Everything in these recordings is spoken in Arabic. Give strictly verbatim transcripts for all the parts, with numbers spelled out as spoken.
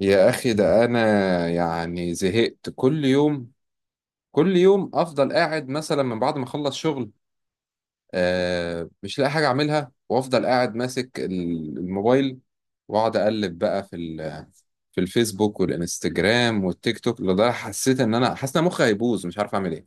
يا أخي ده أنا، يعني زهقت. كل يوم كل يوم أفضل قاعد مثلا من بعد ما أخلص شغل. آه، مش لاقي حاجة أعملها وأفضل قاعد ماسك ال- الموبايل، وأقعد أقلب بقى في ال- في الفيسبوك والإنستجرام والتيك توك، لده حسيت إن أنا حاسس إن مخي هيبوظ، مش عارف أعمل إيه.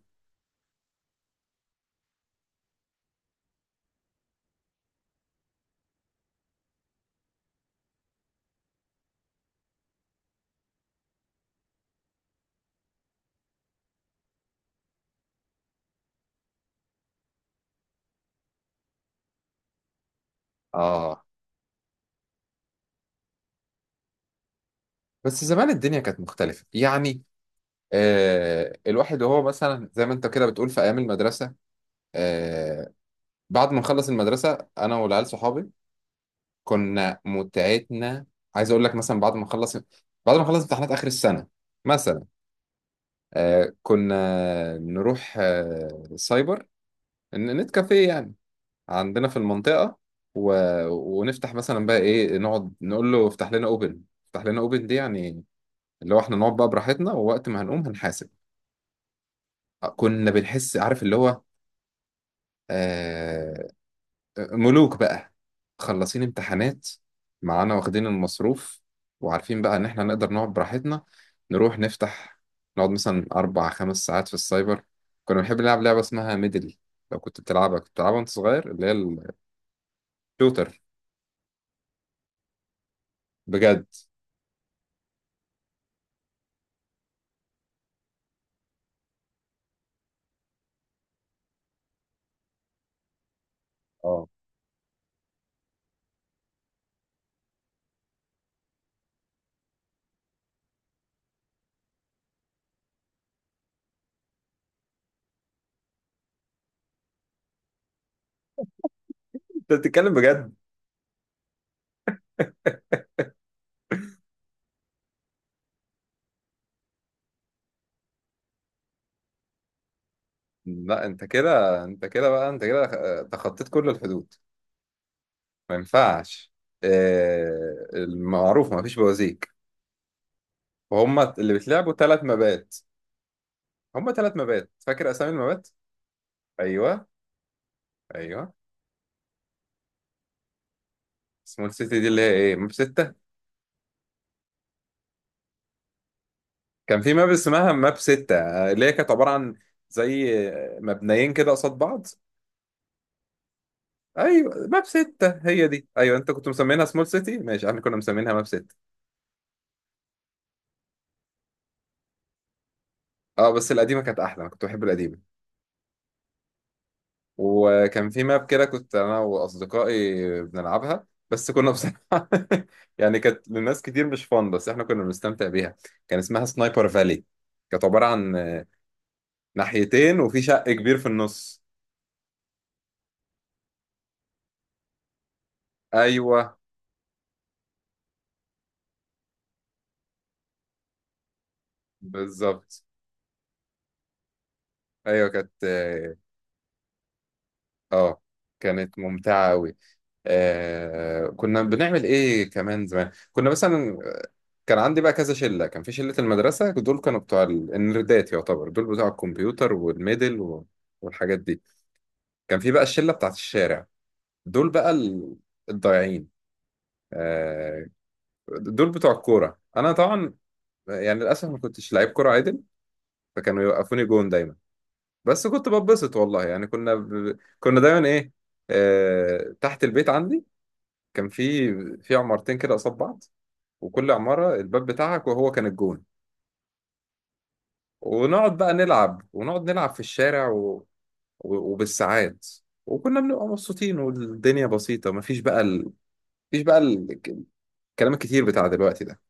آه، بس زمان الدنيا كانت مختلفة يعني. آه، الواحد وهو مثلا زي ما أنت كده بتقول في أيام المدرسة، آه، بعد ما نخلص المدرسة أنا والعيال صحابي كنا متعتنا. عايز اقول لك مثلا بعد ما نخلص بعد ما نخلص امتحانات اخر السنه مثلا، آه كنا نروح، آه سايبر، ن- نت كافيه يعني عندنا في المنطقه. و... ونفتح مثلا بقى ايه، نقعد نقول له افتح لنا اوبن، افتح لنا اوبن دي، يعني اللي هو احنا نقعد بقى براحتنا ووقت ما هنقوم هنحاسب. آه، كنا بنحس عارف اللي هو، آه، ملوك بقى، خلصين امتحانات، معانا واخدين المصروف، وعارفين بقى ان احنا نقدر نقعد براحتنا. نروح نفتح، نقعد مثلا اربع خمس ساعات في السايبر. كنا بنحب نلعب لعبة اسمها ميدل. لو كنت بتلعبها كنت بتلعبها وانت صغير، اللي هي الشوتر، بجد. اه انت بتتكلم بجد؟ لا، انت كده انت كده بقى انت كده، آه، تخطيت كل الحدود. ما ينفعش، آه، المعروف ما فيش بوازيك، وهم اللي بيتلعبوا ثلاث مبات. هم ثلاث مبات، فاكر اسامي المبات؟ ايوه. ايوه. سمول سيتي دي اللي هي ايه، ماب ستة. كان في ماب اسمها ماب ستة، آه، اللي هي كانت عبارة عن زي آه، مبنيين كده قصاد بعض. ايوه، ماب ستة هي دي، ايوه، انت كنت مسمينها سمول سيتي، ماشي، احنا كنا مسمينها ماب ستة. اه، بس القديمة كانت احلى، انا كنت بحب القديمة. وكان في ماب كده كنت انا واصدقائي بنلعبها، بس كنا بصراحة يعني كانت للناس كتير مش فان، بس احنا كنا بنستمتع بيها. كان اسمها سنايبر فالي، كانت عبارة عن ناحيتين وفي شق كبير في النص. ايوه، بالظبط. ايوه، كانت اه كانت ممتعه قوي. آه، كنا بنعمل ايه كمان زمان؟ كنا مثلا كان عندي بقى كذا شله. كان في شله المدرسه، دول كانوا بتوع ال- النردات، يعتبر دول بتوع الكمبيوتر والميدل و- والحاجات دي. كان في بقى الشله بتاعت الشارع، دول بقى ال- الضايعين. آه، دول بتوع الكوره. انا طبعا يعني للاسف ما كنتش لعيب كوره عادل، فكانوا يوقفوني جون دايما. بس كنت ببسط والله، يعني كنا ب... كنا دايما ايه، آه... تحت البيت عندي كان في في عمارتين كده قصاد بعض، وكل عمارة الباب بتاعك وهو كان الجون، ونقعد بقى نلعب، ونقعد نلعب في الشارع و... و... وبالساعات، وكنا بنبقى مبسوطين والدنيا بسيطة. مفيش بقى ال... مفيش بقى ال... الكلام الكتير بتاع دلوقتي ده.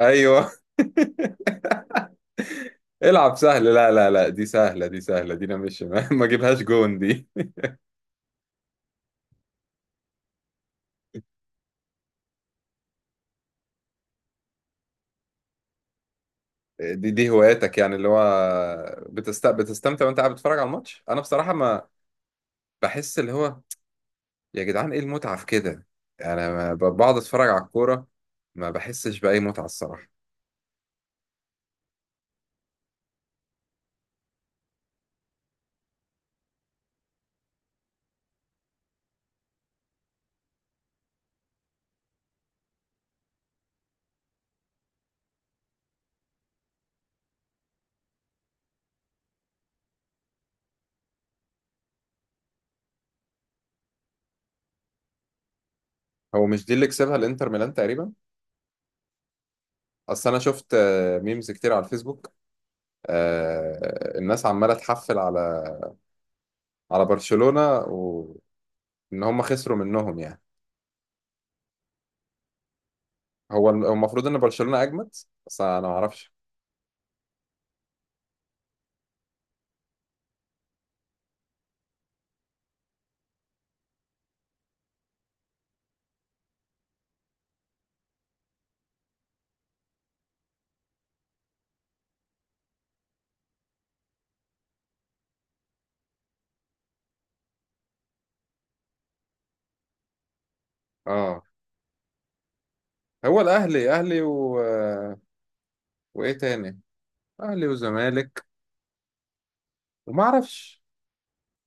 ايوه. العب سهل، لا لا لا دي سهلة، دي سهلة دي، انا مش ما ما اجيبهاش جون دي. دي دي هواياتك، يعني اللي هو بتست... بتستمتع وانت قاعد بتتفرج على الماتش. انا بصراحه ما بحس اللي هو، يا جدعان ايه المتعه في كده؟ يعني انا ما ب- بقعد اتفرج على الكوره، ما بحسش باي متعه الصراحه. هو مش دي اللي كسبها الانتر ميلان تقريبا؟ اصل انا شفت، آه، ميمز كتير على الفيسبوك، آه، الناس عماله تحفل على على برشلونه وان هم خسروا منهم يعني. هو الم- هو المفروض ان برشلونه اجمد، بس انا ما اعرفش. اه، هو الاهلي، اهلي و... وايه تاني؟ اهلي وزمالك. وما اعرفش،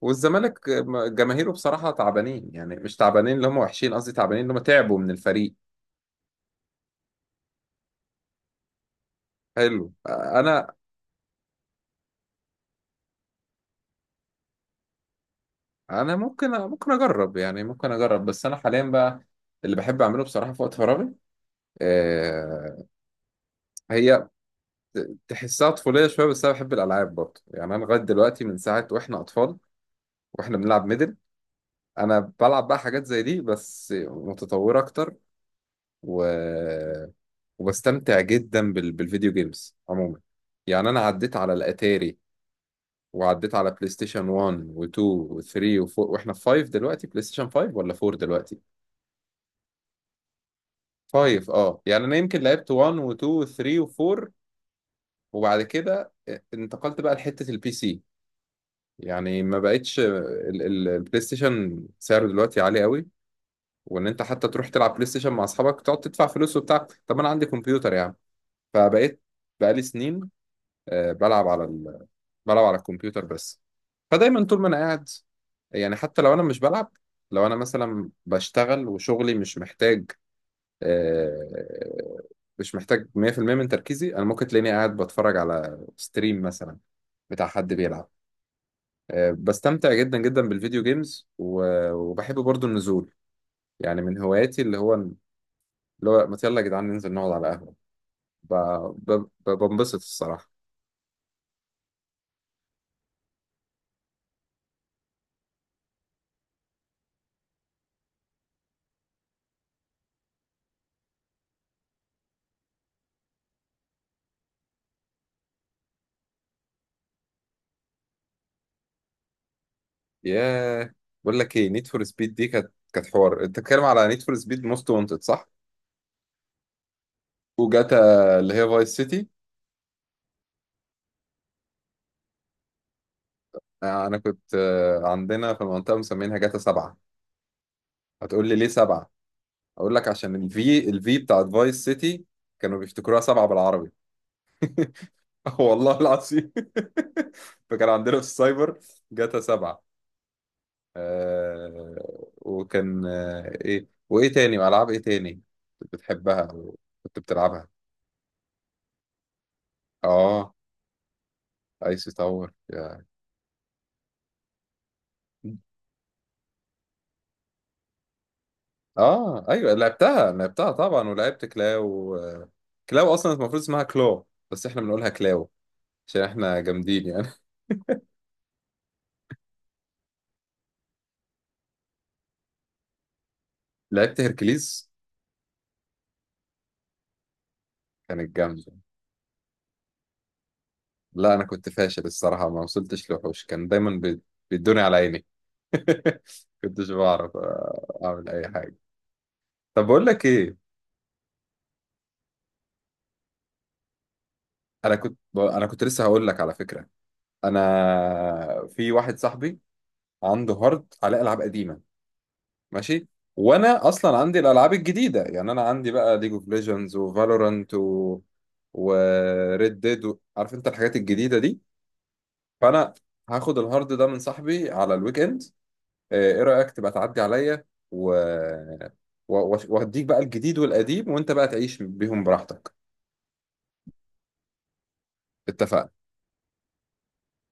والزمالك جماهيره بصراحه تعبانين، يعني مش تعبانين اللي هم وحشين، قصدي تعبانين اللي هم تعبوا من الفريق. حلو. انا انا ممكن ممكن اجرب، يعني ممكن اجرب. بس انا حاليا بقى اللي بحب اعمله بصراحه في وقت فراغي، آه، هي تحسها طفوليه شويه بس انا بحب الالعاب برضه، يعني انا لغايه دلوقتي من ساعه واحنا اطفال واحنا بنلعب ميدل، انا بلعب بقى حاجات زي دي بس متطوره اكتر. و وبستمتع جدا بال... بالفيديو جيمز عموما. يعني انا عديت على الاتاري وعديت على بلاي ستيشن واحد و2 و3 و4، واحنا في فايف دلوقتي. بلاي ستيشن فايف ولا فور دلوقتي؟ فايف. اه يعني انا يمكن لعبت وان و2 و3 و4، وبعد كده، آه، انتقلت بقى لحتة البي سي. يعني ما بقتش ال- ال- البلاي ستيشن سعره دلوقتي عالي قوي، وان انت حتى تروح تلعب بلاي ستيشن مع اصحابك تقعد تدفع فلوس وبتاع. طب انا عندي كمبيوتر يعني، فبقيت بقالي سنين، آه، بلعب على بلعب على الكمبيوتر بس. فدايما طول ما انا قاعد، يعني حتى لو انا مش بلعب، لو انا مثلا بشتغل وشغلي مش محتاج، آه، مش محتاج مية في المية من تركيزي، انا ممكن تلاقيني قاعد بتفرج على ستريم مثلا بتاع حد بيلعب. آه، بستمتع جدا جدا بالفيديو جيمز، و- وبحب برضو النزول. يعني من هواياتي اللي هو اللي هو، ما يلا يا جدعان ننزل نقعد على قهوة، ب- ب- ب- بنبسط الصراحة. ياه. بقول لك ايه، نيد فور سبيد دي كانت كانت حوار، انت بتتكلم على نيد فور سبيد موست وانتد صح؟ وجاتا اللي هي فايس سيتي. آه، انا كنت، آه، عندنا في المنطقه مسمينها جاتا سبعة. هتقول لي ليه سبعة؟ اقول لك عشان الفي الفي بتاعت فايس سيتي كانوا بيفتكروها سبعة بالعربي. والله العظيم. فكان عندنا في السايبر جاتا سبعة. آه، وكان، آه، ايه وايه تاني العاب؟ ايه تاني كنت بتحبها وكنت بتلعبها؟ اه، ايس تاور، يا اه ايوه لعبتها، لعبتها طبعا، ولعبت كلاو. كلاو اصلا المفروض اسمها كلو بس احنا بنقولها كلاو، عشان احنا جامدين يعني. لعبت هيركليز، كانت جامده. لا، انا كنت فاشل الصراحه، ما وصلتش لوحوش، كان دايما بي- بيدوني على عيني، كنتش بعرف، آه، اعمل اي حاجه. طب بقول لك ايه، انا كنت ب- انا كنت لسه هقول لك على فكره، انا في واحد صاحبي عنده هارد على العاب قديمه ماشي، وانا اصلا عندي الالعاب الجديده، يعني انا عندي بقى ليج اوف ليجندز وفالورانت و وريد ديد و... Red Dead و- عارف انت الحاجات الجديده دي. فانا هاخد الهارد ده من صاحبي على الويك اند. آه، ايه رايك تبقى تعدي عليا و، و- وأش- وهديك بقى الجديد والقديم وانت بقى تعيش بيهم براحتك. اتفقنا.